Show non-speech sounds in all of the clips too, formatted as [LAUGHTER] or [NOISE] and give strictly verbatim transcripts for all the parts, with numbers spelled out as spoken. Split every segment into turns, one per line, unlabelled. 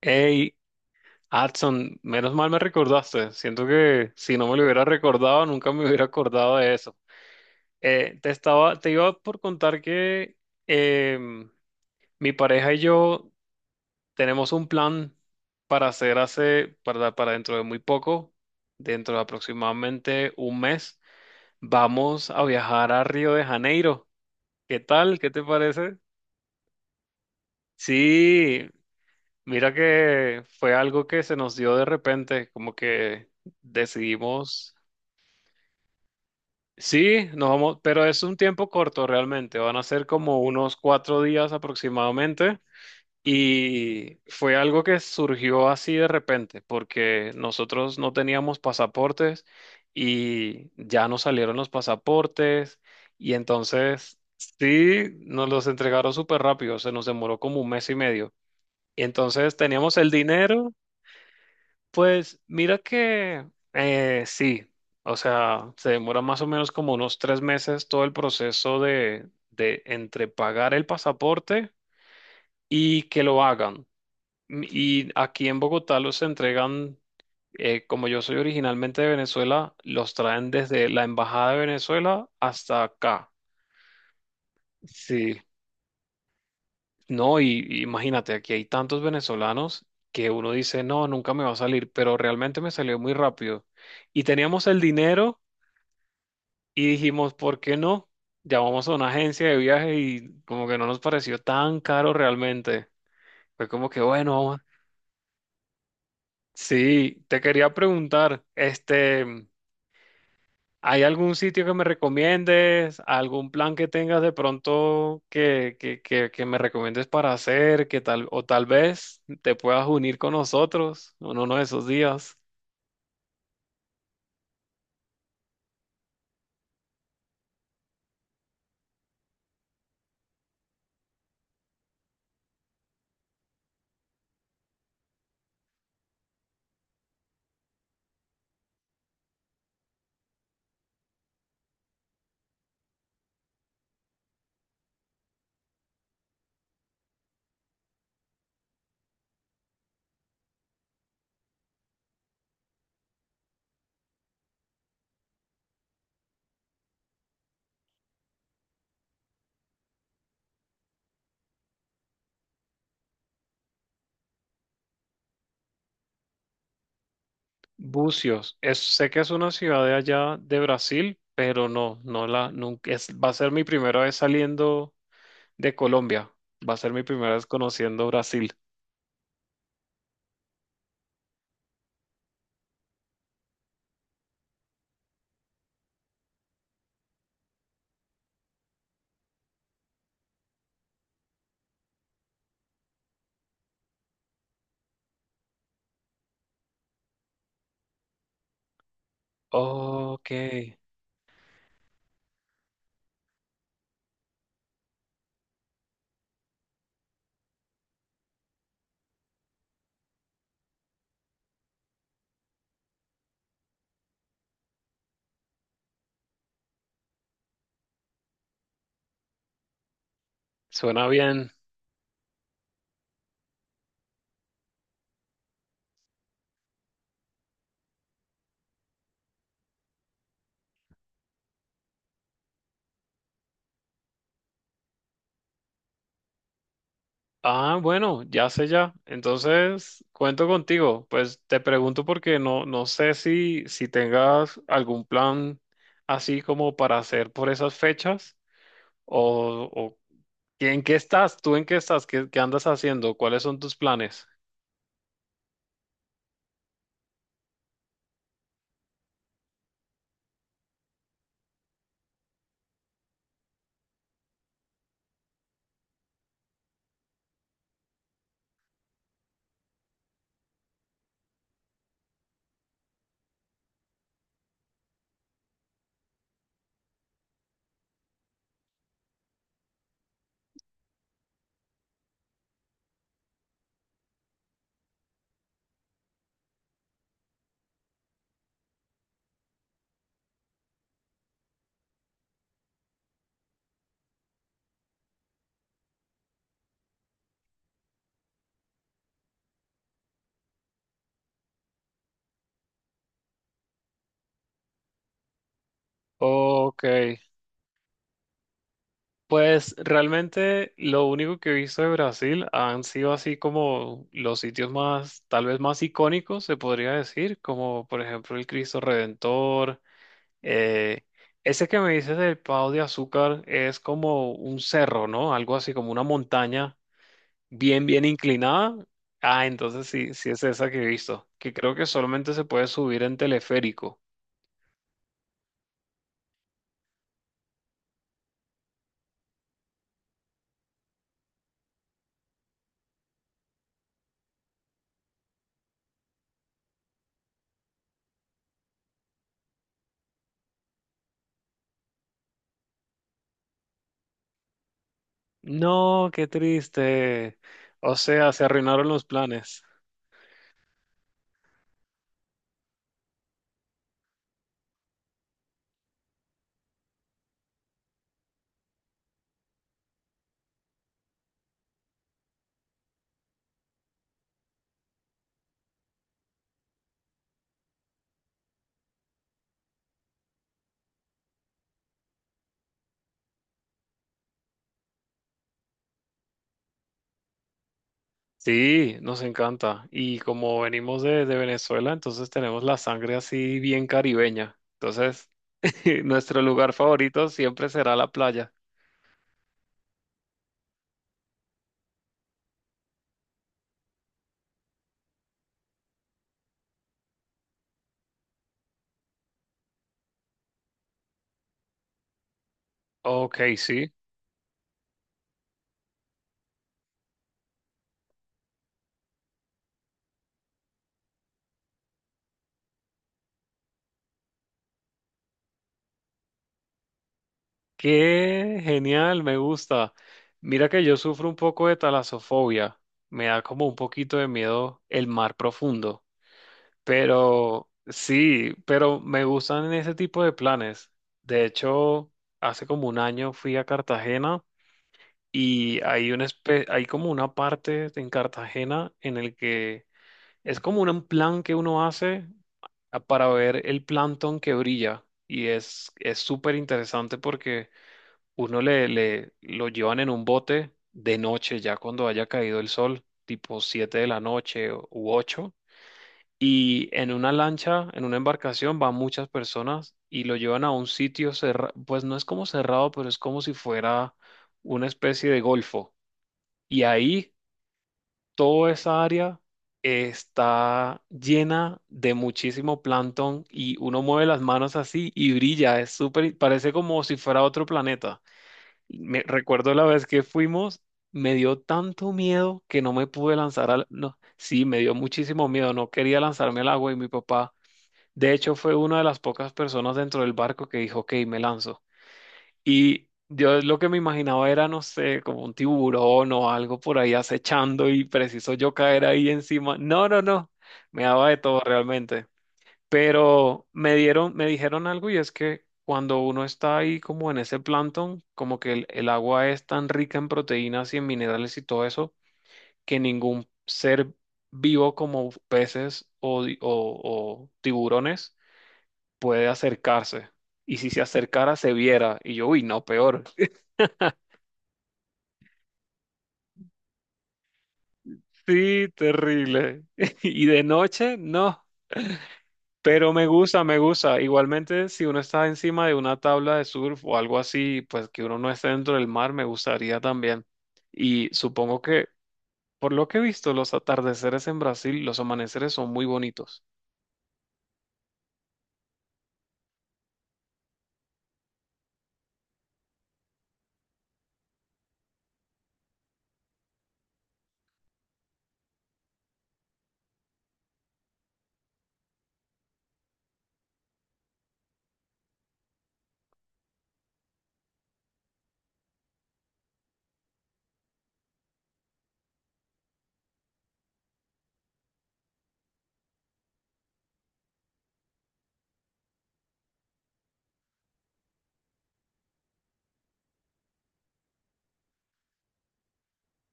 Hey, Adson, menos mal me recordaste. Siento que si no me lo hubiera recordado, nunca me hubiera acordado de eso. Eh, te estaba, te iba por contar que em, mi pareja y yo tenemos un plan para hacer hace, para, para dentro de muy poco, dentro de aproximadamente un mes, vamos a viajar a Río de Janeiro. ¿Qué tal? ¿Qué te parece? Sí, mira que fue algo que se nos dio de repente, como que decidimos, sí, nos vamos, pero es un tiempo corto realmente, van a ser como unos cuatro días aproximadamente, y fue algo que surgió así de repente, porque nosotros no teníamos pasaportes y ya nos salieron los pasaportes y entonces sí, nos los entregaron súper rápido, se nos demoró como un mes y medio. Y entonces teníamos el dinero. Pues mira que eh, sí, o sea, se demora más o menos como unos tres meses todo el proceso de, de, entre pagar el pasaporte y que lo hagan. M- Y aquí en Bogotá los entregan, eh, como yo soy originalmente de Venezuela, los traen desde la Embajada de Venezuela hasta acá. Sí, no, y y imagínate, aquí hay tantos venezolanos que uno dice, no, nunca me va a salir, pero realmente me salió muy rápido. Y teníamos el dinero. Y dijimos, ¿por qué no? Llamamos a una agencia de viaje y como que no nos pareció tan caro realmente. Fue como que, bueno, vamos. Sí, te quería preguntar, este, ¿hay algún sitio que me recomiendes? ¿Algún plan que tengas de pronto que, que, que, que me recomiendes para hacer? Que tal, o tal vez te puedas unir con nosotros en uno de esos días. Bucios, es, sé que es una ciudad de allá de Brasil, pero no, no la, nunca, es, va a ser mi primera vez saliendo de Colombia. Va a ser mi primera vez conociendo Brasil. Ok, suena bien. Ah, bueno, ya sé ya. Entonces, cuento contigo. Pues te pregunto porque no, no sé si, si tengas algún plan así como para hacer por esas fechas o, o ¿en qué estás? ¿Tú en qué estás? ¿Qué, qué andas haciendo? ¿Cuáles son tus planes? Ok, pues realmente lo único que he visto de Brasil han sido así como los sitios más, tal vez más icónicos, se podría decir, como por ejemplo el Cristo Redentor. eh, ese que me dices del Pau de Azúcar es como un cerro, ¿no? Algo así como una montaña bien, bien inclinada. Ah, entonces sí, sí es esa que he visto, que creo que solamente se puede subir en teleférico. No, qué triste. O sea, se arruinaron los planes. Sí, nos encanta. Y como venimos de, de Venezuela, entonces tenemos la sangre así bien caribeña. Entonces, [LAUGHS] nuestro lugar favorito siempre será la playa. Ok, sí. Qué genial, me gusta. Mira que yo sufro un poco de talasofobia. Me da como un poquito de miedo el mar profundo. Pero sí, pero me gustan ese tipo de planes. De hecho, hace como un año fui a Cartagena. Y hay una espe- hay como una parte en Cartagena en el que es como un plan que uno hace a- para ver el plancton que brilla. Y es es súper interesante porque uno le, le lo llevan en un bote de noche, ya cuando haya caído el sol, tipo siete de la noche o- u ocho. Y en una lancha, en una embarcación, van muchas personas y lo llevan a un sitio cerrado, pues no es como cerrado, pero es como si fuera una especie de golfo y ahí toda esa área está llena de muchísimo plancton y uno mueve las manos así y brilla, es súper, parece como si fuera otro planeta. Me recuerdo la vez que fuimos, me dio tanto miedo que no me pude lanzar al, no, sí, me dio muchísimo miedo, no quería lanzarme al agua y mi papá, de hecho, fue una de las pocas personas dentro del barco que dijo, ok, me lanzo. Y yo lo que me imaginaba era, no sé, como un tiburón o algo por ahí acechando y preciso yo caer ahí encima. No, no, no. Me daba de todo realmente. Pero me dieron, me dijeron algo y es que cuando uno está ahí como en ese plancton, como que el, el agua es tan rica en proteínas y en minerales y todo eso, que ningún ser vivo como peces o, di- o o tiburones puede acercarse. Y si se acercara, se viera. Y yo, uy, no, peor. Sí, terrible. [LAUGHS] Y de noche, no. Pero me gusta, me gusta. Igualmente, si uno está encima de una tabla de surf o algo así, pues que uno no esté dentro del mar, me gustaría también. Y supongo que, por lo que he visto, los atardeceres en Brasil, los amaneceres son muy bonitos.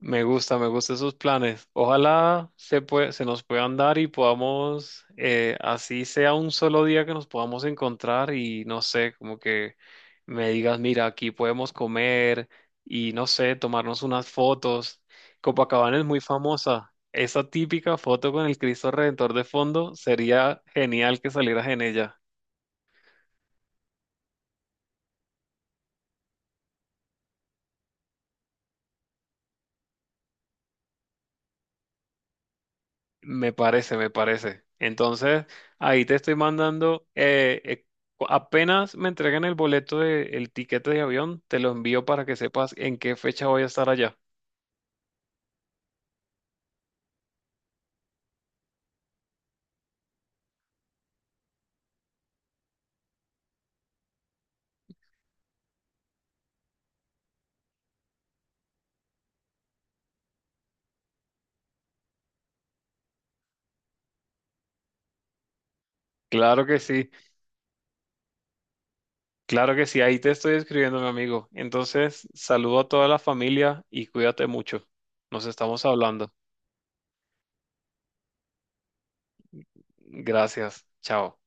Me gusta, me gustan esos planes. Ojalá se pue- se nos puedan dar y podamos, eh, así sea un solo día que nos podamos encontrar y no sé, como que me digas, mira, aquí podemos comer y no sé, tomarnos unas fotos. Copacabana es muy famosa. Esa típica foto con el Cristo Redentor de fondo sería genial que salieras en ella. Me parece, me parece. Entonces, ahí te estoy mandando, eh, eh, cu- apenas me entreguen el boleto de, el tiquete de avión, te lo envío para que sepas en qué fecha voy a estar allá. Claro que sí, claro que sí, ahí te estoy escribiendo, mi amigo. Entonces, saludo a toda la familia y cuídate mucho. Nos estamos hablando. Gracias, chao.